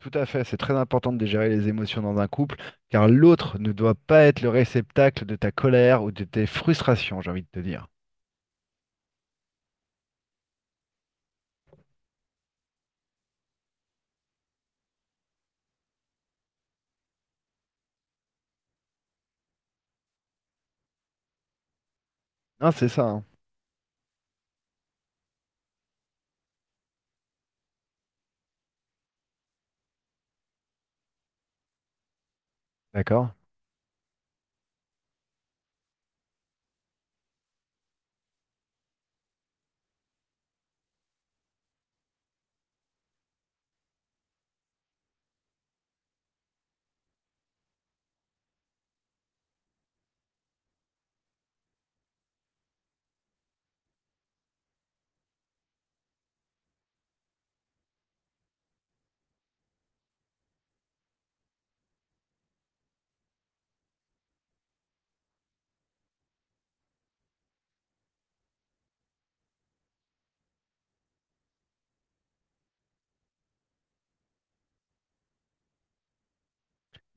Tout à fait, c'est très important de gérer les émotions dans un couple, car l'autre ne doit pas être le réceptacle de ta colère ou de tes frustrations, j'ai envie de te dire. Non, c'est ça, hein. D'accord?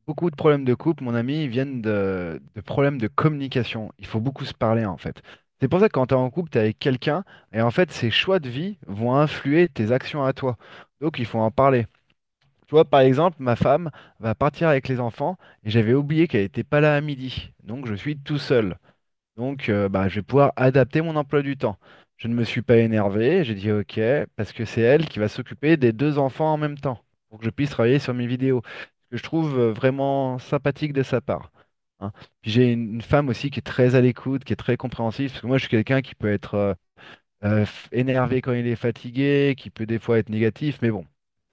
Beaucoup de problèmes de couple, mon ami, viennent de problèmes de communication. Il faut beaucoup se parler, en fait. C'est pour ça que quand tu es en couple, tu es avec quelqu'un, et en fait, ses choix de vie vont influer tes actions à toi. Donc, il faut en parler. Tu vois, par exemple, ma femme va partir avec les enfants, et j'avais oublié qu'elle n'était pas là à midi. Donc, je suis tout seul. Donc, bah, je vais pouvoir adapter mon emploi du temps. Je ne me suis pas énervé, j'ai dit OK, parce que c'est elle qui va s'occuper des deux enfants en même temps, pour que je puisse travailler sur mes vidéos. Ce que je trouve vraiment sympathique de sa part. Hein. Puis j'ai une femme aussi qui est très à l'écoute, qui est très compréhensive, parce que moi je suis quelqu'un qui peut être énervé quand il est fatigué, qui peut des fois être négatif, mais bon,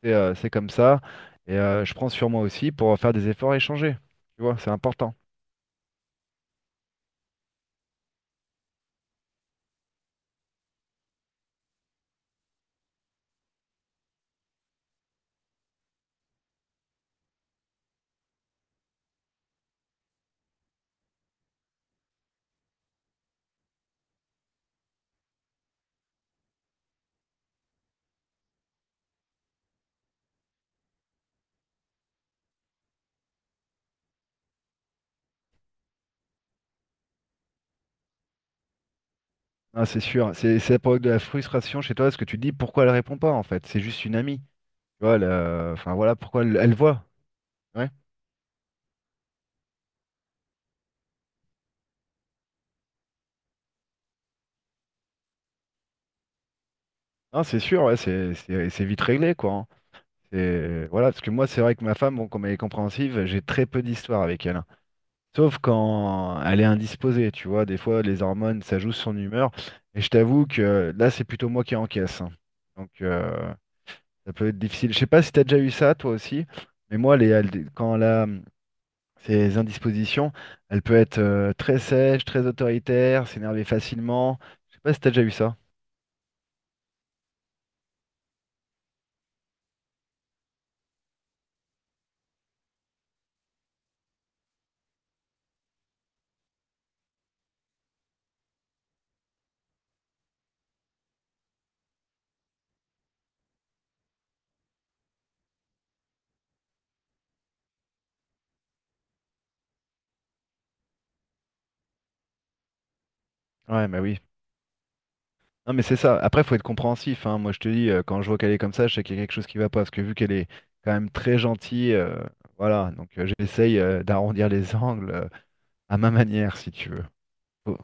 c'est comme ça. Et je prends sur moi aussi pour faire des efforts et changer. Tu vois, c'est important. Ah, c'est sûr, c'est la période de la frustration chez toi, parce que tu te dis pourquoi elle répond pas, en fait, c'est juste une amie. Tu vois, elle, enfin voilà pourquoi elle, elle voit. Ouais. Non, c'est sûr, ouais, c'est vite réglé quoi. Hein. C'est voilà, parce que moi c'est vrai que ma femme, bon, comme elle est compréhensive, j'ai très peu d'histoires avec elle. Hein. Sauf quand elle est indisposée, tu vois, des fois les hormones, ça joue sur son humeur. Et je t'avoue que là c'est plutôt moi qui encaisse. Hein. Donc ça peut être difficile. Je sais pas si t'as déjà eu ça toi aussi, mais moi les, quand là, ces indispositions, elle peut être très sèche, très autoritaire, s'énerver facilement. Je sais pas si t'as déjà eu ça. Ouais, bah oui. Non, mais c'est ça. Après, faut être compréhensif, hein. Moi, je te dis, quand je vois qu'elle est comme ça, je sais qu'il y a quelque chose qui va pas. Parce que vu qu'elle est quand même très gentille, voilà. Donc, j'essaye d'arrondir les angles à ma manière, si tu veux. Faut-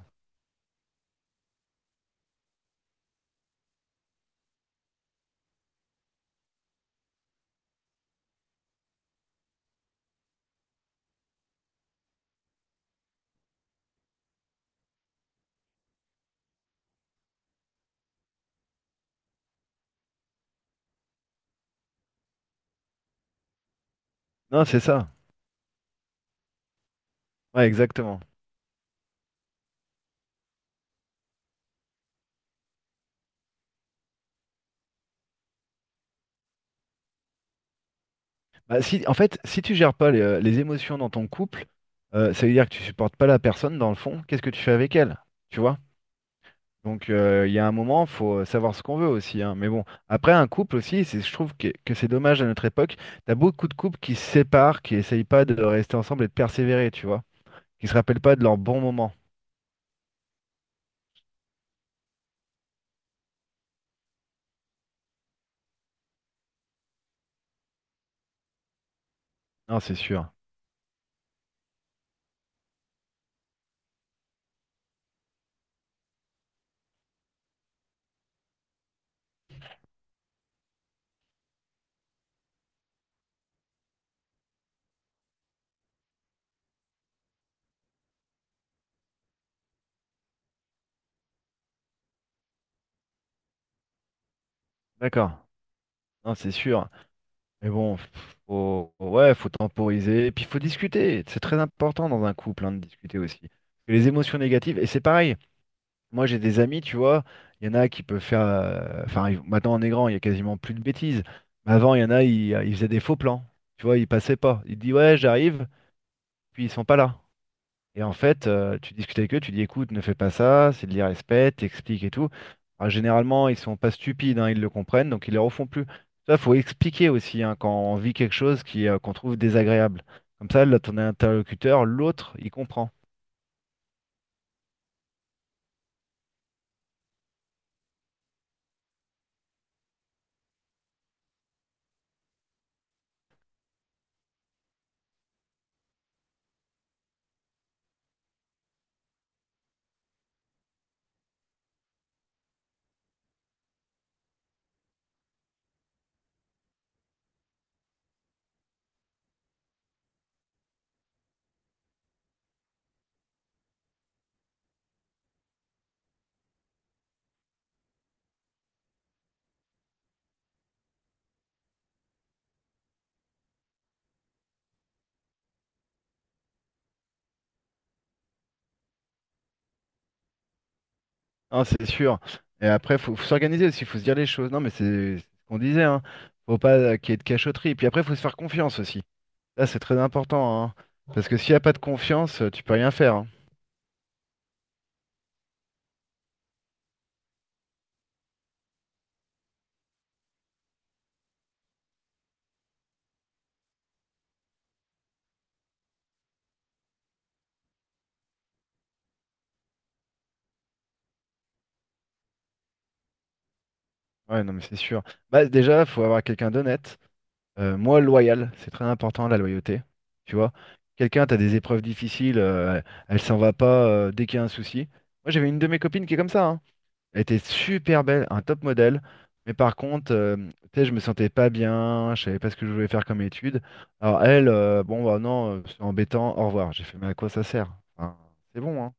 Non, c'est ça. Ouais, exactement. Bah, si, en fait, si tu gères pas les, les émotions dans ton couple, ça veut dire que tu supportes pas la personne dans le fond. Qu'est-ce que tu fais avec elle? Tu vois? Donc il y a un moment, faut savoir ce qu'on veut aussi, hein. Mais bon, après un couple aussi, c'est, je trouve que c'est dommage à notre époque. T'as beaucoup de couples qui se séparent, qui essayent pas de rester ensemble et de persévérer, tu vois, qui se rappellent pas de leurs bons moments. Non, c'est sûr. D'accord. Non, c'est sûr. Mais bon, faut, ouais, faut temporiser, et puis faut discuter. C'est très important dans un couple, hein, de discuter aussi. Et les émotions négatives, et c'est pareil. Moi, j'ai des amis, tu vois, il y en a qui peuvent faire. Enfin, maintenant, on est grand, il y a quasiment plus de bêtises. Mais avant, il y en a, ils faisaient des faux plans. Tu vois, ils passaient pas. Ils disent, ouais, j'arrive, puis ils sont pas là. Et en fait, tu discutes avec eux, tu dis, écoute, ne fais pas ça, c'est de l'irrespect, t'expliques et tout. Alors, généralement, ils sont pas stupides, hein, ils le comprennent, donc ils les refont plus. Ça, faut expliquer aussi hein, quand on vit quelque chose qui, qu'on trouve désagréable. Comme ça, là, ton interlocuteur, l'autre, il comprend. Non, c'est sûr. Et après, faut, faut s'organiser aussi, faut se dire les choses. Non, mais c'est ce qu'on disait, hein. Faut pas qu'il y ait de cachotterie. Et puis après, faut se faire confiance aussi. Là, c'est très important, hein. Parce que s'il n'y a pas de confiance, tu peux rien faire. Hein. Ouais, non, mais c'est sûr. Bah, déjà, faut avoir quelqu'un d'honnête. Moi, loyal, c'est très important, la loyauté. Tu vois, quelqu'un, t'as des épreuves difficiles, elle s'en va pas dès qu'il y a un souci. Moi, j'avais une de mes copines qui est comme ça, hein. Elle était super belle, un top modèle. Mais par contre, tu sais, je me sentais pas bien, je savais pas ce que je voulais faire comme étude. Alors elle, bon bah non, c'est embêtant, au revoir. J'ai fait, mais à quoi ça sert? Enfin, c'est bon, hein.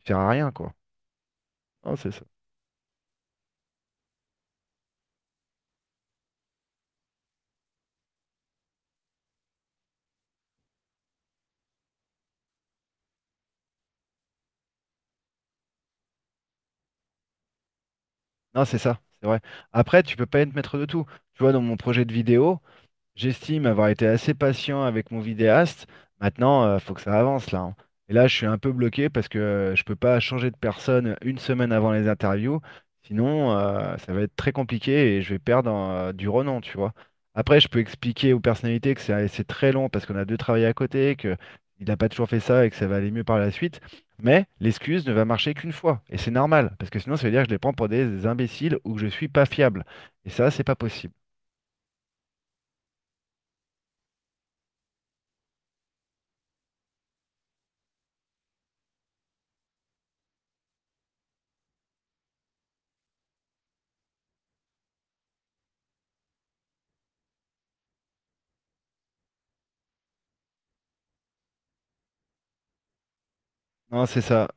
Tu sers à rien, quoi. Non, c'est ça. Non, c'est ça, c'est vrai. Après, tu peux pas être maître de tout. Tu vois, dans mon projet de vidéo, j'estime avoir été assez patient avec mon vidéaste. Maintenant, il faut que ça avance là. Hein. Et là, je suis un peu bloqué parce que je peux pas changer de personne une semaine avant les interviews. Sinon, ça va être très compliqué et je vais perdre du renom, tu vois. Après, je peux expliquer aux personnalités que c'est très long parce qu'on a deux travails à côté, que il n'a pas toujours fait ça et que ça va aller mieux par la suite. Mais l'excuse ne va marcher qu'une fois. Et c'est normal, parce que sinon, ça veut dire que je les prends pour des imbéciles ou que je suis pas fiable. Et ça, c'est pas possible. Non, c'est ça.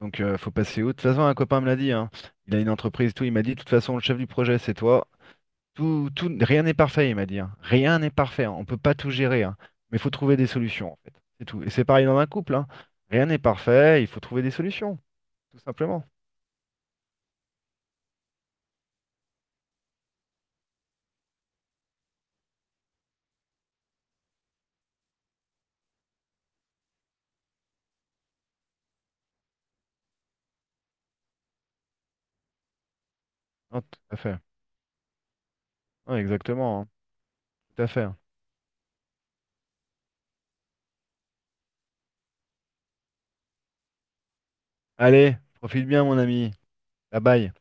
Donc, faut passer où? De toute façon, un copain me l'a dit, hein. Il a une entreprise, tout. Il m'a dit, de toute façon, le chef du projet, c'est toi. Tout, tout, rien n'est parfait, il m'a dit. Hein. Rien n'est parfait. Hein. On peut pas tout gérer, hein. Mais il faut trouver des solutions, en fait. C'est tout. Et c'est pareil dans un couple, hein. Rien n'est parfait. Il faut trouver des solutions, tout simplement. Non, tout à fait. Ouais, exactement. Hein. Tout à fait. Hein. Allez, profite bien, mon ami. Bye bye.